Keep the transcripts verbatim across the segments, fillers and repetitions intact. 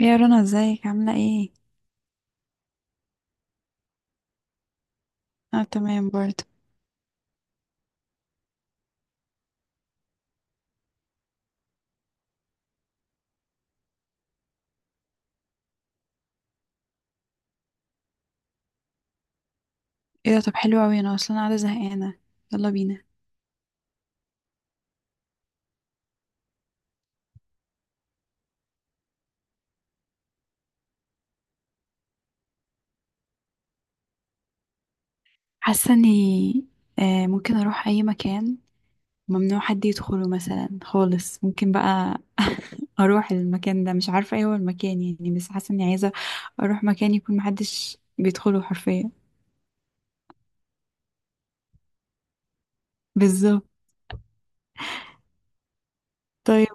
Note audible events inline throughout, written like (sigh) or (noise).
يا رنا، ازيك عاملة ايه؟ اه، تمام برضه. ايه ده؟ طب حلو اوي، انا اصلا قاعدة زهقانة، يلا بينا. حاسة اني آه ممكن اروح اي مكان ممنوع حد يدخله مثلا خالص، ممكن بقى. (laughs) اروح المكان ده، مش عارفة ايه هو المكان يعني، بس حاسة اني عايزة اروح مكان يكون محدش بيدخله حرفيا. بالظبط. طيب،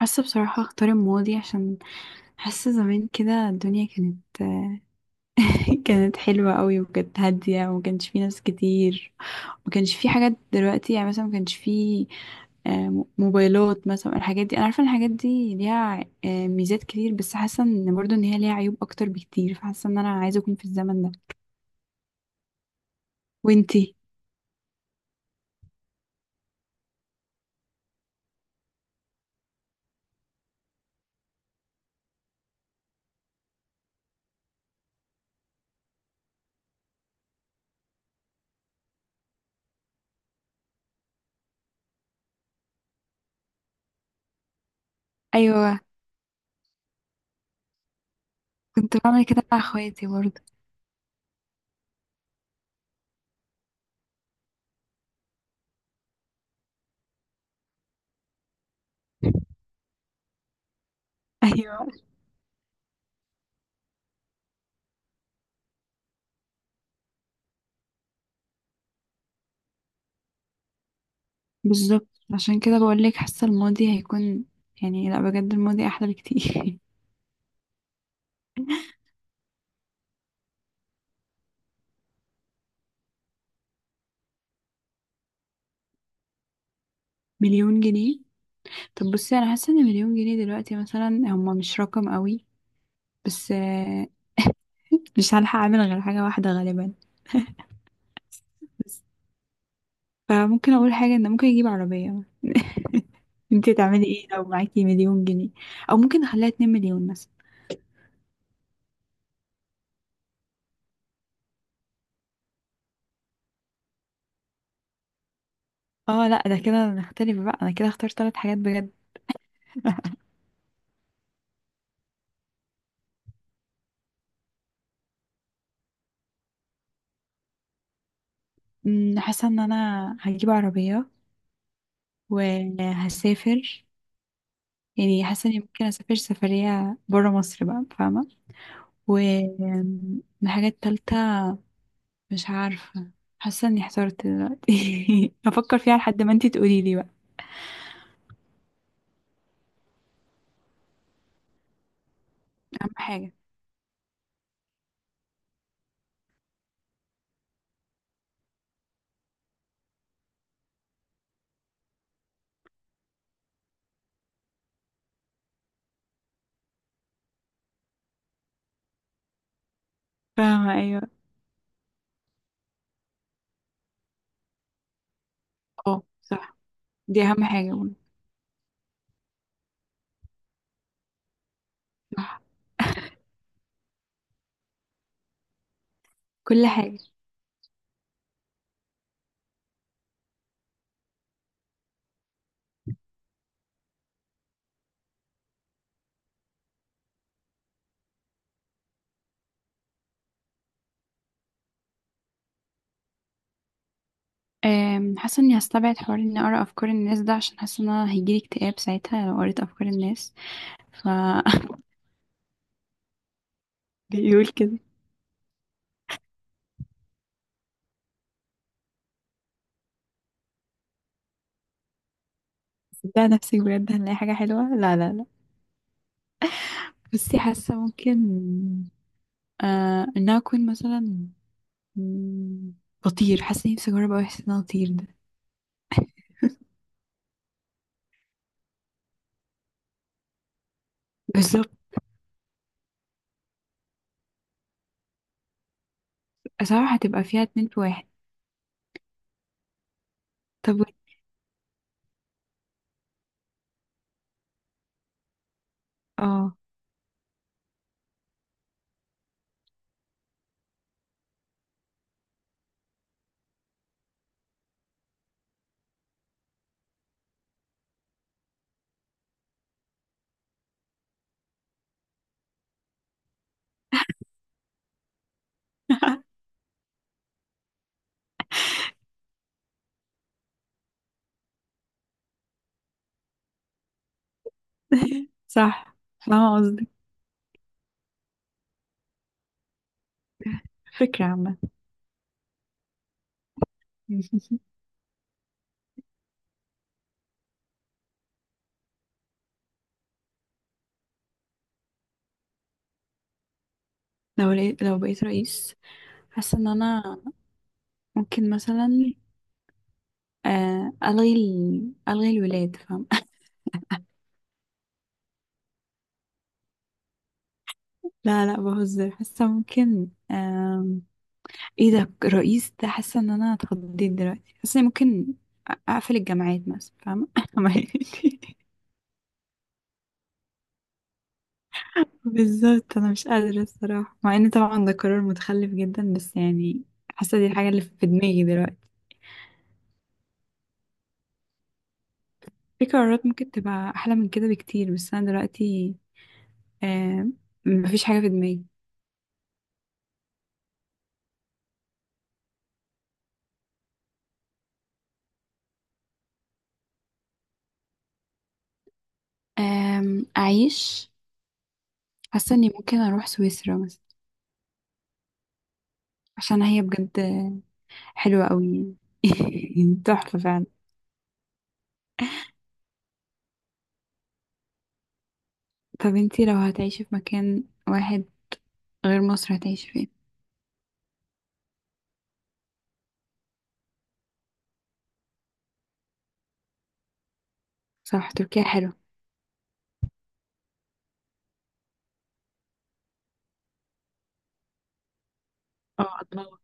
حاسة بصراحة اختار الماضي، عشان حاسة زمان كده الدنيا كانت آه، (laughs) كانت حلوة قوي، وكانت هادية، وما كانش فيه ناس كتير. ما كانش فيه حاجات دلوقتي، يعني مثلا ما كانش فيه آه، موبايلات مثلا. الحاجات دي، انا عارفة ان الحاجات دي ليها آه، ميزات كتير، بس حاسة ان برضو ان هي ليها عيوب اكتر بكتير، فحاسة ان انا عايزة اكون في الزمن ده. وانتي؟ ايوه، كنت بعمل كده مع اخواتي برضو. (laughs) ايوه، بالظبط. عشان كده بقول لك حاسة الماضي هيكون، يعني لا، بجد الماضي احلى بكتير. (laughs) مليون جنيه؟ طب بصي، انا حاسه ان مليون جنيه دلوقتي مثلا هما مش رقم قوي، بس آه، مش هلحق اعمل غير حاجة واحدة غالبا. بس فممكن اقول حاجة، ان ممكن اجيب عربية. (laughs) انتي تعملي ايه لو معاكي مليون جنيه؟ او ممكن اخليها اثنين مليون مثلا. اه لا، ده كده نختلف بقى، انا كده اختار ثلاث حاجات بجد. (laughs) أمم، حاسة ان انا هجيب عربية وهسافر، يعني حاسة اني ممكن اسافر سفرية برا مصر بقى، فاهمة؟ و أمم، الحاجة التالتة مش عارفة. حاسة اني احترت دلوقتي. (laughs) هفكر فيها لحد ما انتي تقولي لي بقى. اهم حاجة. فاهمة أيوة. اه صح، دي أهم حاجة برضه. صح، كل حاجة. أم، حاسة إني هستبعد حوار إني أقرأ أفكار الناس ده، عشان حاسة إن أنا هيجيلي اكتئاب ساعتها لو قريت أفكار الناس. ف (laughs) بيقول كده. صدق نفسك، بجد هنلاقي حاجة حلوة. لا لا لا. بصي، حاسة ممكن آه إن أنا أكون مثلا مم، بطير. حاسة نفسي أجرب أوي إحساس إن أنا أطير ده. بالظبط. صراحة هتبقى فيها اتنين في واحد. طب و- اه. (laughs) صح، فاهمة قصدك. فكرة عامة. (laughs) لو لقيت، لو بقيت رئيس، حاسة ان انا ممكن مثلا آه، الغي ال... الغي الولاد، فاهم؟ (laughs) لا لا، بهزر. حاسة ممكن آم، ايه ده رئيس ده؟ حاسة ان انا اتخضيت دلوقتي. حاسة إني ممكن أ- اقفل الجامعات مثلا، فاهمة؟ (laughs) بالظبط، انا مش قادرة الصراحة، مع ان طبعا ده قرار متخلف جدا، بس يعني حاسة دي الحاجة اللي في دماغي دلوقتي. في قرارات ممكن تبقى احلى من كده بكتير، بس انا دلوقتي آه، مفيش حاجة في دماغي. أم، أعيش. حاسة إني ممكن أروح سويسرا مثلا، عشان هي بجد حلوة أوي. (laughs) تحفة فعلا. طب انتي لو هتعيشي في مكان واحد غير مصر هتعيشي فين؟ صح، تركيا حلوة. اه الله.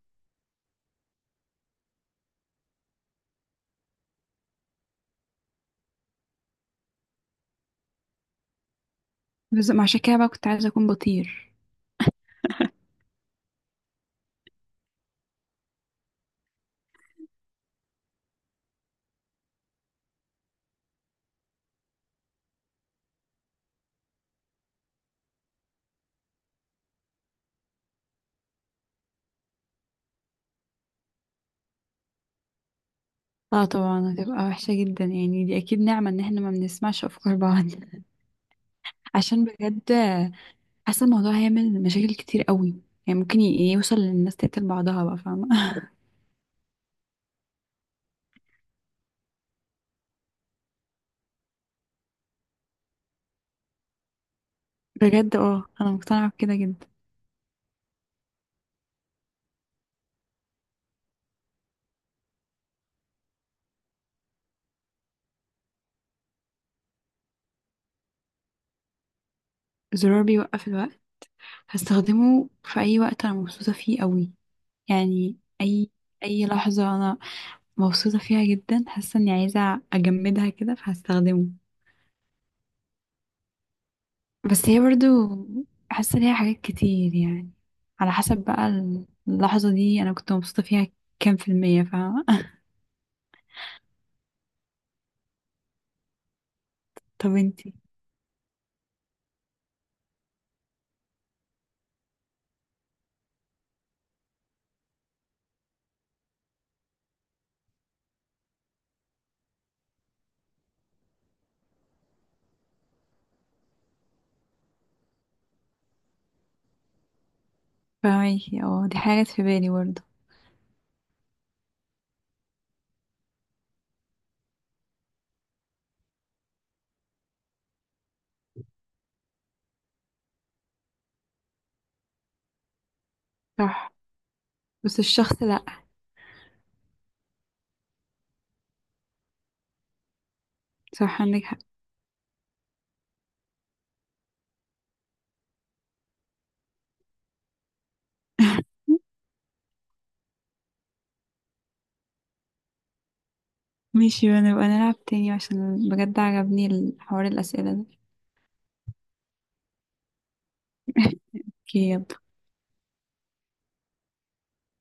بس ما عشان كده بقى كنت عايزة أكون بطير. اه طبعا، هتبقى وحشة جدا، يعني دي أكيد نعمة إن احنا ما بنسمعش أفكار بعض. (laughs) عشان بجد حاسة الموضوع هيعمل مشاكل كتير أوي. يعني ممكن ي- يوصل للناس تقتل بعضها بقى، فاهمة؟ (laughs) بجد اه، أنا مقتنعة بكده جدا. الزرار بيوقف الوقت. هستخدمه في اي وقت انا مبسوطه فيه قوي، يعني اي اي لحظه انا مبسوطه فيها جدا، حاسه اني عايزه اجمدها كده فهستخدمه. بس هي برضو حاسه ليها حاجات كتير، يعني على حسب بقى اللحظه دي انا كنت مبسوطه فيها كام في الميه، فاهمه؟ (laughs) طب انتي؟ فاهمكي، اه دي حاجات في بالي برضو. صح، بس الشخص لا. صح، عندك حق. (laughs) ماشي بقى، نبقى نلعب تاني عشان بجد عجبني الحوار الاسئله ده. (laughs) اوكي يلا.